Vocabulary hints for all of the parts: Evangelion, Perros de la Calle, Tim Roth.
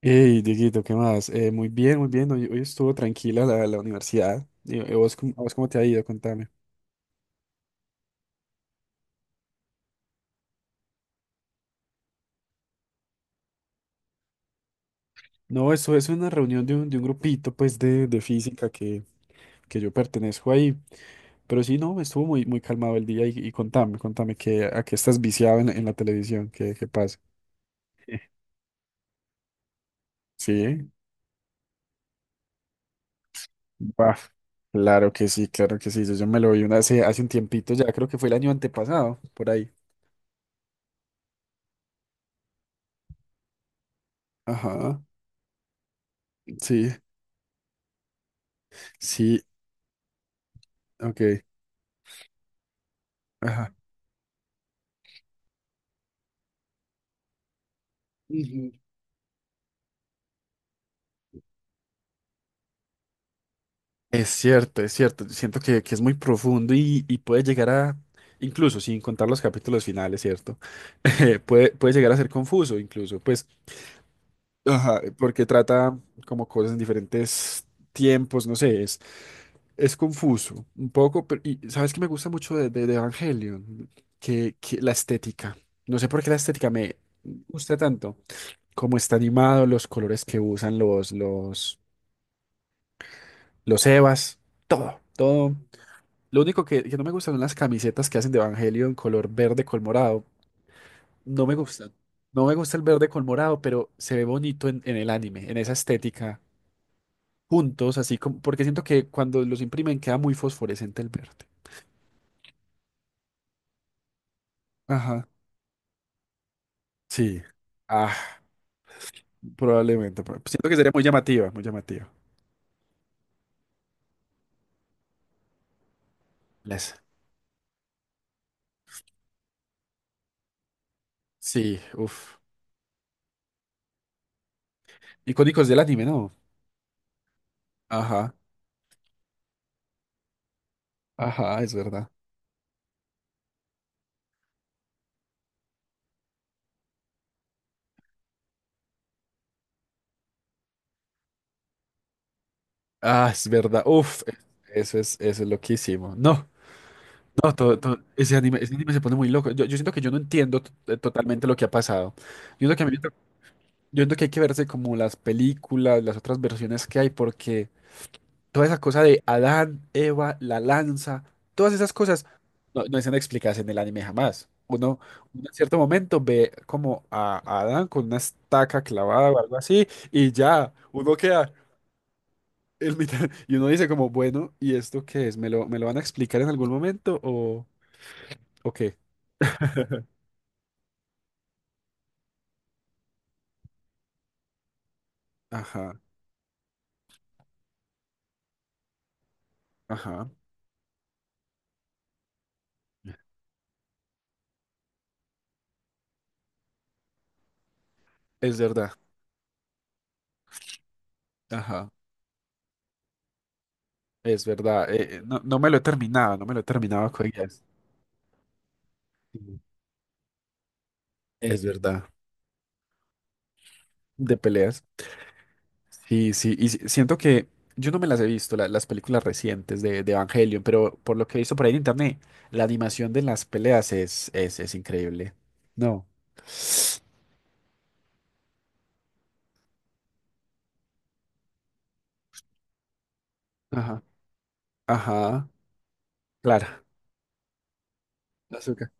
Hey, Dieguito, ¿qué más? Muy bien, muy bien. Hoy estuvo tranquila la universidad. ¿Y vos, a vos cómo te ha ido? Contame. No, eso es una reunión de de un grupito, pues, de física que yo pertenezco ahí. Pero sí, no, estuvo muy calmado el día. Y contame, contame, que, ¿a qué estás viciado en la televisión? ¿Qué pasa? Sí, bah, claro que sí, claro que sí. Yo me lo vi una, hace un tiempito ya, creo que fue el año antepasado, por ahí. Ajá, sí, sí, ok. Ajá. Es cierto, es cierto. Siento que es muy profundo y puede llegar a, incluso sin contar los capítulos finales, ¿cierto? Puede llegar a ser confuso, incluso, pues, ajá, porque trata como cosas en diferentes tiempos, no sé, es confuso un poco, pero y sabes que me gusta mucho de Evangelion, que la estética. No sé por qué la estética me gusta tanto. Como está animado, los colores que usan los Evas, todo. Lo único que no me gustan son las camisetas que hacen de Evangelio en color verde con morado. No me gustan. No me gusta el verde con morado, pero se ve bonito en el anime, en esa estética, juntos, así como, porque siento que cuando los imprimen queda muy fosforescente el verde. Ajá. Sí. Ah, probablemente. Siento que sería muy llamativa, muy llamativa. Les. Sí, uff. Icónicos del anime, ¿no? Ajá, ajá, es verdad. Ah, es verdad. Uf, eso es loquísimo. No. No, ese anime se pone muy loco. Yo siento que yo no entiendo totalmente lo que ha pasado. Yo siento que, yo siento que hay que verse como las películas, las otras versiones que hay, porque toda esa cosa de Adán, Eva, la lanza, todas esas cosas no, no están explicadas en el anime jamás. Uno en cierto momento ve como a Adán con una estaca clavada o algo así, y ya, uno queda en mitad, y uno dice como, bueno, ¿y esto qué es? Me lo van a explicar en algún momento o qué? Ajá. Ajá, es verdad. Ajá, es verdad. No, no me lo he terminado, no me lo he terminado con ellas. Sí. Es verdad. De peleas. Sí, sí, y siento que yo no me las he visto, las películas recientes de Evangelion, pero por lo que he visto por ahí en internet, la animación de las peleas es increíble. No. Ajá, ajá, claro. Azúcar.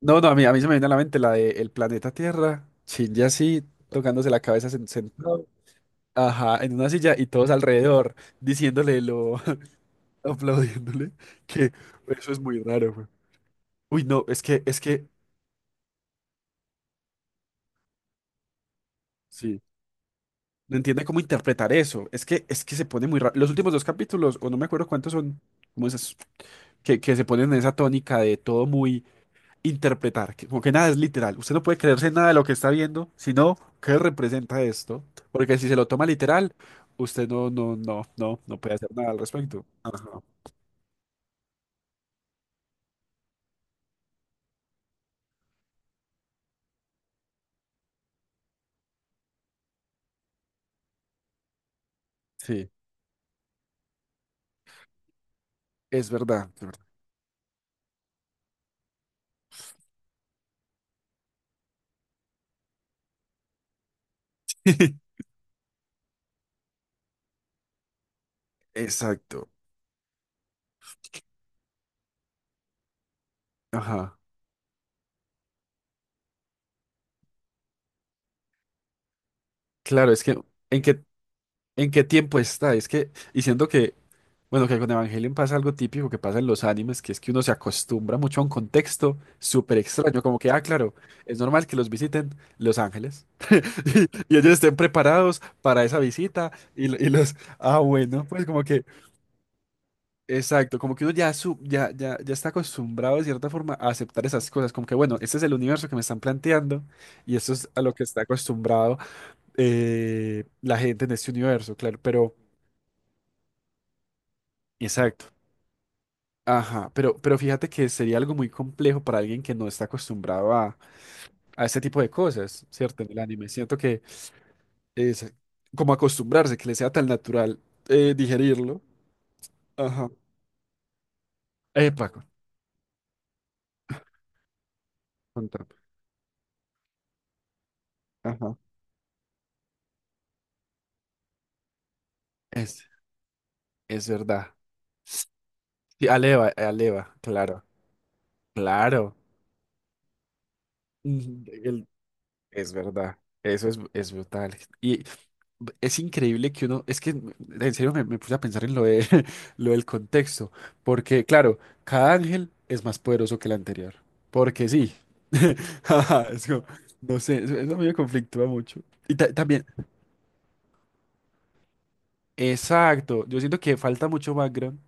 No, no, a mí se me viene a la mente la de El planeta Tierra, Shinji así, tocándose la cabeza sentado. Ajá, en una silla y todos alrededor diciéndole lo, aplaudiéndole, que eso es muy raro, güey. Uy, no, sí, no entiende cómo interpretar eso. Es que se pone muy raro. Los últimos dos capítulos, o no me acuerdo cuántos son, como esas, que se ponen en esa tónica de todo muy interpretar, que, como que nada es literal. Usted no puede creerse nada de lo que está viendo, sino qué representa esto, porque si se lo toma literal, usted no puede hacer nada al respecto. Ajá, sí, es verdad, es verdad. Exacto. Ajá. Claro, es que ¿en qué, en qué tiempo está? Es que, y siento que, bueno, que con Evangelion pasa algo típico que pasa en los animes, que es que uno se acostumbra mucho a un contexto súper extraño, como que, ah, claro, es normal que los visiten los ángeles y ellos estén preparados para esa visita y, y los, ah, bueno, pues como que, exacto, como que uno ya, su, ya está acostumbrado de cierta forma a aceptar esas cosas, como que, bueno, este es el universo que me están planteando y esto es a lo que está acostumbrado. La gente en este universo, claro, pero, exacto. Ajá, pero fíjate que sería algo muy complejo para alguien que no está acostumbrado a este tipo de cosas, ¿cierto? En el anime, siento que es como acostumbrarse, que le sea tan natural digerirlo. Ajá. Paco, contame. Ajá. Es, es verdad. Sí, Aleva, Aleva, claro, claro. Ujú. Es verdad, es brutal. Y es increíble que uno, es que en serio me puse a pensar en lo de, lo del contexto, porque claro, cada ángel es más poderoso que el anterior, porque sí, ajá, es como, no sé, eso a mí me conflictúa mucho. Y también, exacto, yo siento que falta mucho background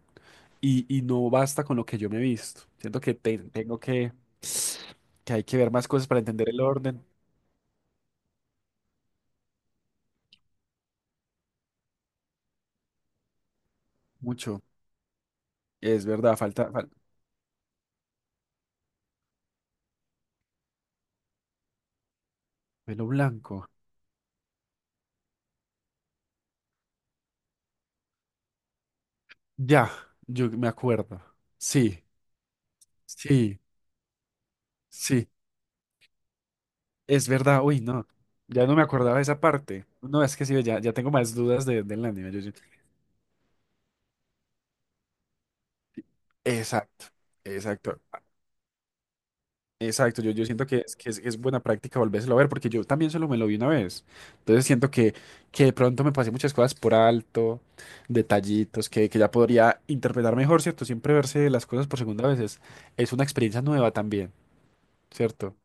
y no basta con lo que yo me he visto, siento que tengo que hay que ver más cosas para entender el orden, mucho, es verdad, falta, fal- pelo blanco. Ya, yo me acuerdo. Sí, sí, sí, es verdad. Uy, no, ya no me acordaba de esa parte. No, es que sí, ya tengo más dudas de, del anime. Exacto, exacto, exacto. Yo siento es buena práctica volvérselo a ver porque yo también solo me lo vi una vez. Entonces siento que de pronto me pasé muchas cosas por alto, detallitos que ya podría interpretar mejor, ¿cierto? Siempre verse las cosas por segunda vez es una experiencia nueva también, ¿cierto?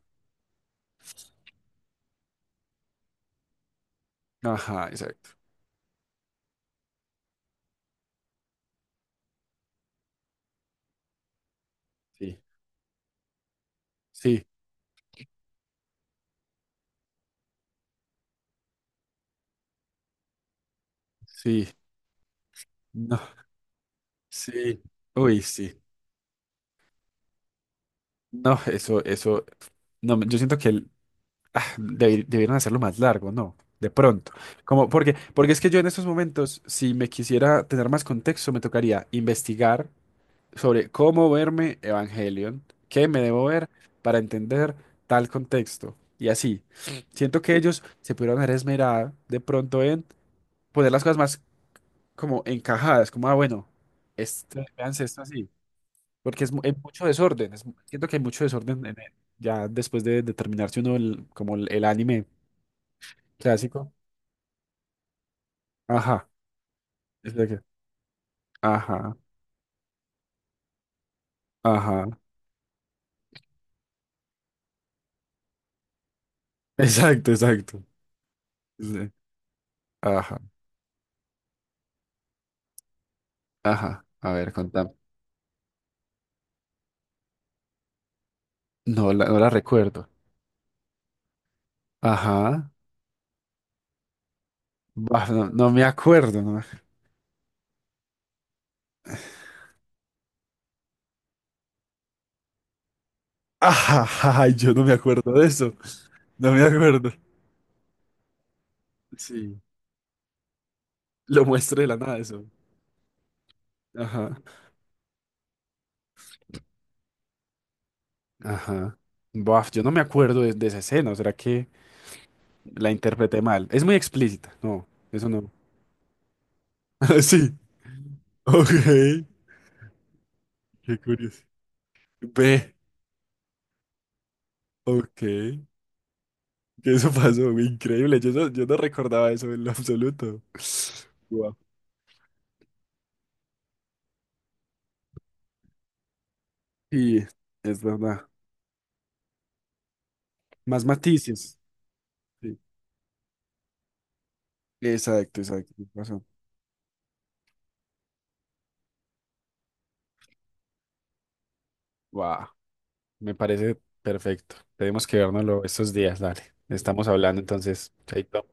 Ajá, exacto. Sí. Sí. Sí, no, sí, uy, sí, no, eso, no, yo siento que debieron hacerlo más largo, ¿no? De pronto, como, porque es que yo en estos momentos, si me quisiera tener más contexto, me tocaría investigar sobre cómo verme Evangelion, qué me debo ver para entender tal contexto, y así. Siento que ellos se pudieron haber esmerado de pronto en poner las cosas más como encajadas, como, ah, bueno, este, véanse esto así. Porque es, hay mucho desorden, siento que hay mucho desorden en ya después de terminarse uno como el anime clásico. Ajá, es de que- ajá, ajá, exacto, exacto. Sí, ajá, ajá, a ver, contame. No la, no la recuerdo. Ajá, bah, no, no me acuerdo. No. me- ac- Ajá, ajá, yo no me acuerdo de eso, no me acuerdo. Sí, lo muestro de la nada eso. Ajá, ajá. Buah, yo no me acuerdo de esa escena, ¿será que...? La interpreté mal. Es muy explícita. No, eso no. Ah, sí. Ok. Qué curioso. Ve. Ok. ¿Qué eso pasó? Increíble. Yo no recordaba eso en lo absoluto. Wow. Sí, es verdad. Más matices. Sí. Exacto, exacto. Tienes razón. Wow. Me parece perfecto. Tenemos que vernoslo estos días, dale. Estamos hablando entonces. Chaito.